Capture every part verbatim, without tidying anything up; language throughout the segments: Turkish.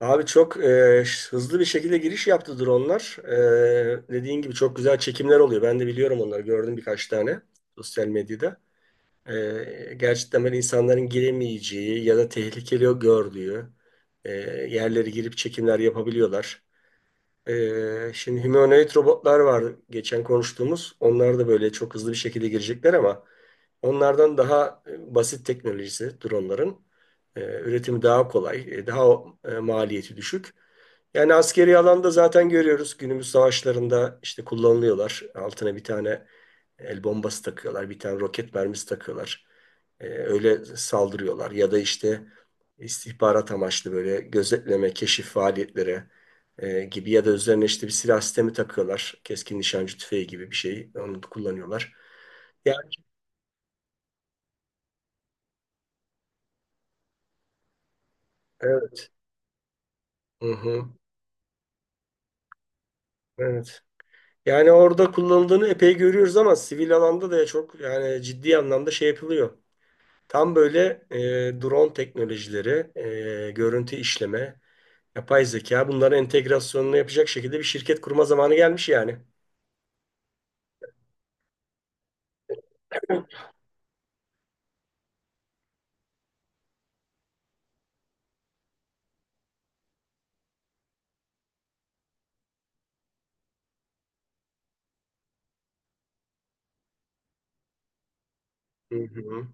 Abi çok e, ş- hızlı bir şekilde giriş yaptı dronlar. E, dediğin gibi çok güzel çekimler oluyor. Ben de biliyorum onları. Gördüm birkaç tane sosyal medyada. E, gerçekten böyle insanların giremeyeceği ya da tehlikeli gördüğü e, yerlere girip çekimler yapabiliyorlar. Ee, şimdi humanoid robotlar var geçen konuştuğumuz. Onlar da böyle çok hızlı bir şekilde girecekler ama onlardan daha e, basit teknolojisi dronların. Ee, Üretimi daha kolay, e, daha e, maliyeti düşük. Yani askeri alanda zaten görüyoruz günümüz savaşlarında işte kullanılıyorlar. Altına bir tane el bombası takıyorlar, bir tane roket mermisi takıyorlar. E, öyle saldırıyorlar. Ya da işte istihbarat amaçlı böyle gözetleme, keşif faaliyetleri e, gibi ya da üzerine işte bir silah sistemi takıyorlar. Keskin nişancı tüfeği gibi bir şey. Onu da kullanıyorlar. Yani evet. Hı hı. Evet. Yani orada kullanıldığını epey görüyoruz ama sivil alanda da çok yani ciddi anlamda şey yapılıyor. Tam böyle e, drone teknolojileri, e, görüntü işleme, yapay zeka bunların entegrasyonunu yapacak şekilde bir şirket kurma zamanı gelmiş yani. Hı hı,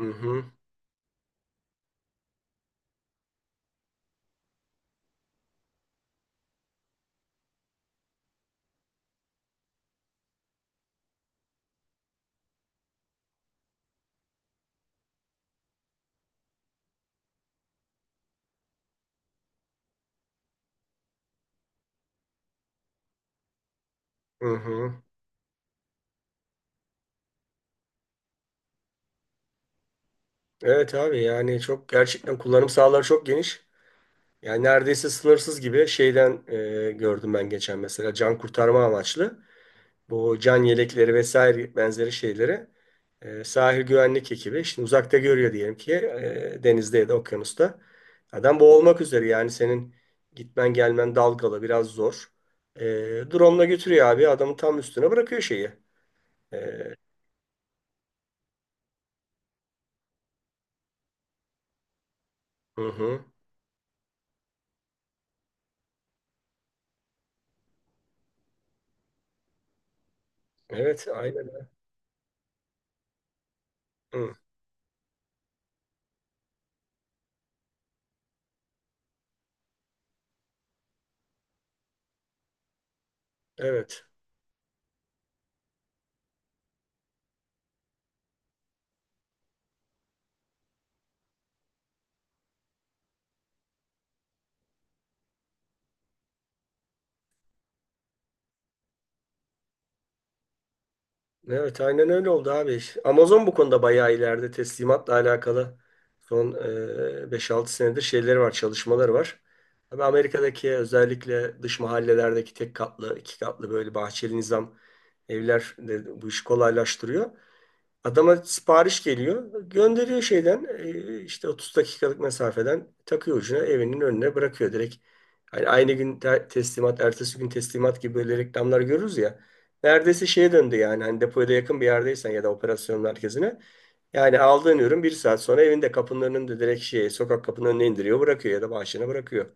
hı hı, hı hı. Evet abi yani çok gerçekten kullanım sahaları çok geniş. Yani neredeyse sınırsız gibi şeyden e, gördüm ben geçen mesela can kurtarma amaçlı. Bu can yelekleri vesaire benzeri şeyleri e, sahil güvenlik ekibi şimdi uzakta görüyor diyelim ki e, denizde ya da okyanusta. Adam boğulmak üzere yani senin gitmen gelmen dalgalı biraz zor. E, Drone'la götürüyor abi adamın tam üstüne bırakıyor şeyi. E, hı hı. Evet aynen. Hı, evet. Evet aynen öyle oldu abi. Amazon bu konuda bayağı ileride teslimatla alakalı son e, beş altı senedir şeyleri var, çalışmaları var. Tabii Amerika'daki özellikle dış mahallelerdeki tek katlı, iki katlı böyle bahçeli nizam evler de bu işi kolaylaştırıyor. Adama sipariş geliyor. Gönderiyor şeyden e, işte otuz dakikalık mesafeden takıyor ucuna evinin önüne bırakıyor direkt. Hani aynı gün te- teslimat, ertesi gün teslimat gibi böyle reklamlar görürüz ya. Neredeyse şeye döndü yani hani depoya da yakın bir yerdeysen ya da operasyon merkezine. Yani aldığın ürün bir saat sonra evinde kapının önünde direkt şey sokak kapının önüne indiriyor bırakıyor ya da bahçene bırakıyor.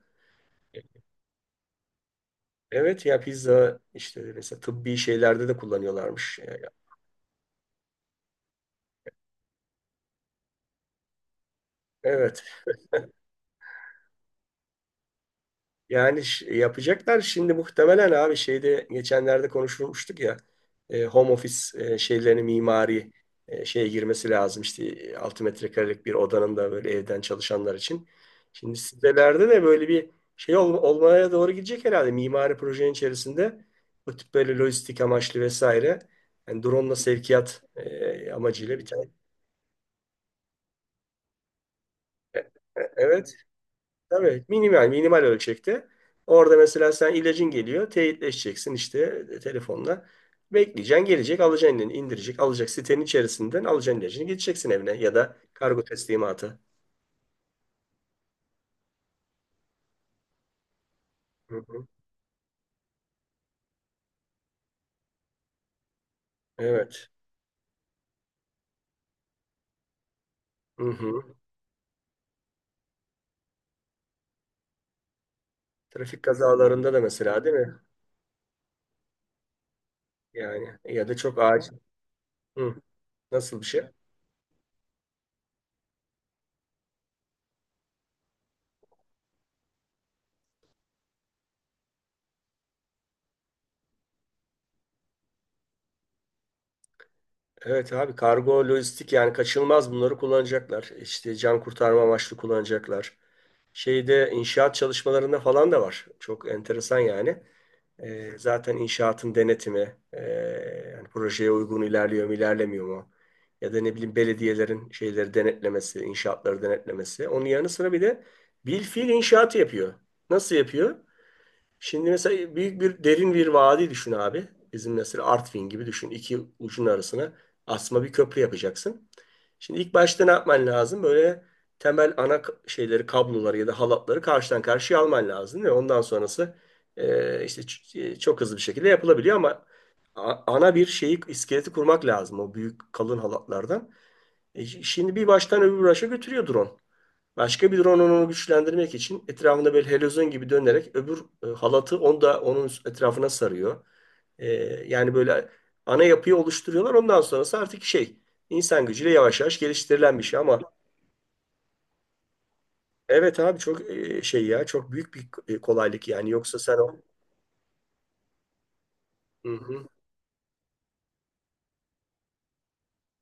Evet ya pizza işte mesela tıbbi şeylerde de kullanıyorlarmış. Evet. Yani ş- yapacaklar şimdi muhtemelen abi şeyde geçenlerde konuşulmuştuk ya e, home office e, şeylerini mimari e, şeye girmesi lazım işte e, altı metrekarelik bir odanın da böyle evden çalışanlar için. Şimdi sitelerde de böyle bir şey ol- olmaya doğru gidecek herhalde mimari projenin içerisinde bu tip böyle lojistik amaçlı vesaire yani drone'la sevkiyat e, amacıyla bir tane. e, Evet. Tabii minimal minimal ölçekte. Orada mesela sen ilacın geliyor, teyitleşeceksin işte e, telefonla. Bekleyeceksin, gelecek, alacaksın elini, indirecek, alacak sitenin içerisinden alacaksın ilacını, gideceksin evine ya da kargo teslimatı. Hı hı. Evet. Hı hı. Trafik kazalarında da mesela değil mi? Yani ya da çok acil. Hı. Nasıl bir şey? Evet abi kargo, lojistik yani kaçınılmaz bunları kullanacaklar. İşte can kurtarma amaçlı kullanacaklar. Şeyde inşaat çalışmalarında falan da var. Çok enteresan yani. E, zaten inşaatın denetimi, e, yani projeye uygun ilerliyor mu, ilerlemiyor mu? Ya da ne bileyim belediyelerin şeyleri denetlemesi, inşaatları denetlemesi. Onun yanı sıra bir de bilfiil inşaatı yapıyor. Nasıl yapıyor? Şimdi mesela büyük bir derin bir vadi düşün abi. Bizim mesela Artvin gibi düşün. İki ucun arasına asma bir köprü yapacaksın. Şimdi ilk başta ne yapman lazım? Böyle temel ana k- şeyleri, kabloları ya da halatları karşıdan karşıya alman lazım ve ondan sonrası e, işte ç- e, çok hızlı bir şekilde yapılabiliyor ama a- ana bir şeyi, iskeleti kurmak lazım o büyük kalın halatlardan. E, ş- şimdi bir baştan öbür başa götürüyor drone. Başka bir rononun onu güçlendirmek için etrafında böyle helezon gibi dönerek öbür e, halatı onu da onun etrafına sarıyor. E, Yani böyle ana yapıyı oluşturuyorlar. Ondan sonrası artık şey insan gücüyle yavaş yavaş geliştirilen bir şey ama evet abi çok e, şey ya çok büyük bir e, kolaylık yani yoksa sen o, hı hı,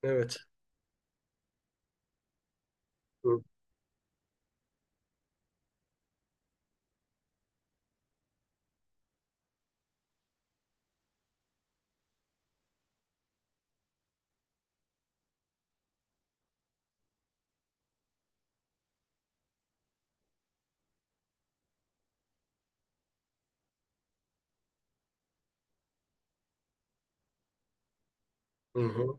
evet, hı hı.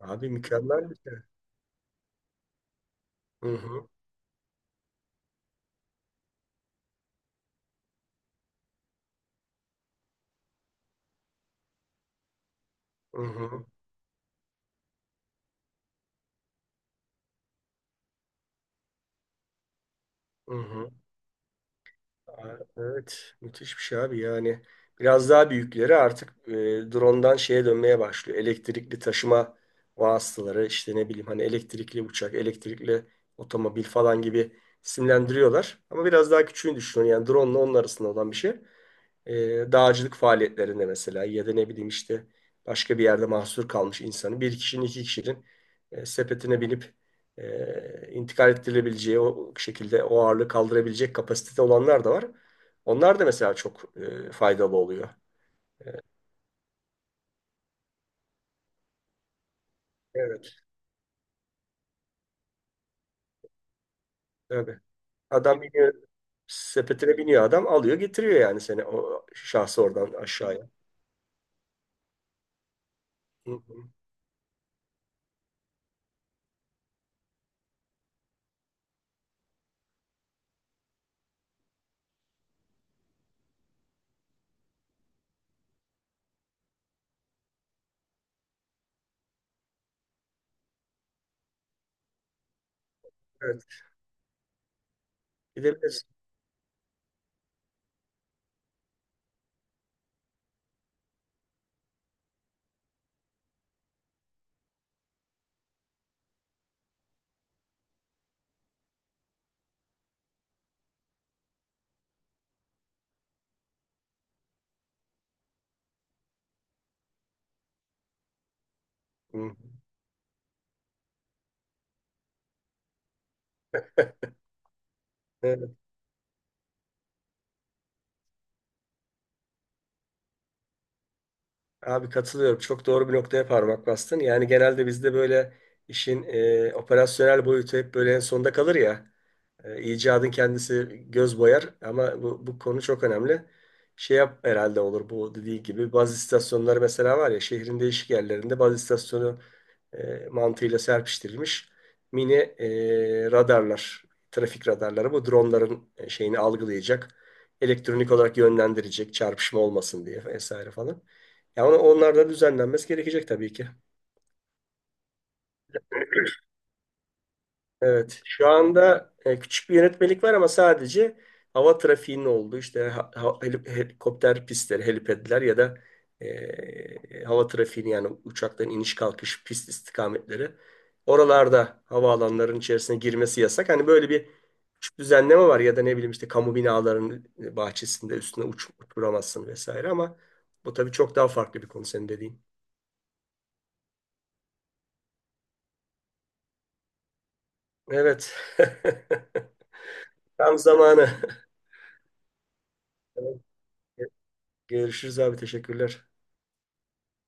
Abi mükemmel bir şey. Hı hı, hı hı, hı hı. Evet, müthiş bir şey abi yani. Biraz daha büyükleri artık e, drondan şeye dönmeye başlıyor. Elektrikli taşıma vasıtaları, işte ne bileyim hani elektrikli uçak, elektrikli otomobil falan gibi isimlendiriyorlar. Ama biraz daha küçüğünü düşünün yani drone ile onun arasında olan bir şey. E, Dağcılık faaliyetlerinde mesela ya da ne bileyim işte başka bir yerde mahsur kalmış insanı bir kişinin iki kişinin e, sepetine binip e, intikal ettirilebileceği o şekilde o ağırlığı kaldırabilecek kapasitede olanlar da var. Onlar da mesela çok e, faydalı oluyor. Evet, tabii. Adam biniyor, sepetine biniyor adam alıyor getiriyor yani seni o şahsı oradan aşağıya. Hı hı. Evet, gidebilirsin. Hı. Abi katılıyorum. Çok doğru bir noktaya parmak bastın. Yani genelde bizde böyle işin e, operasyonel boyutu hep böyle en sonda kalır ya. E, icadın kendisi göz boyar ama bu, bu konu çok önemli. Şey yap herhalde olur bu dediği gibi bazı istasyonları mesela var ya şehrin değişik yerlerinde bazı istasyonu e, mantığıyla serpiştirilmiş mini e, radarlar, trafik radarları bu dronların e, şeyini algılayacak, elektronik olarak yönlendirecek çarpışma olmasın diye vesaire falan. Ya ona- onlar da düzenlenmesi gerekecek tabii ki. Evet. Şu anda e, küçük bir yönetmelik var ama sadece hava trafiğinin olduğu işte ha- ha- heli- helikopter pistleri, helipedler ya da e, hava trafiğini yani uçakların iniş kalkış pist istikametleri. Oralarda havaalanlarının içerisine girmesi yasak. Hani böyle bir küçük düzenleme var ya da ne bileyim işte kamu binalarının bahçesinde üstüne uç, uçuramazsın vesaire ama bu tabii çok daha farklı bir konu senin dediğin. Evet. Tam zamanı. Görüşürüz abi teşekkürler.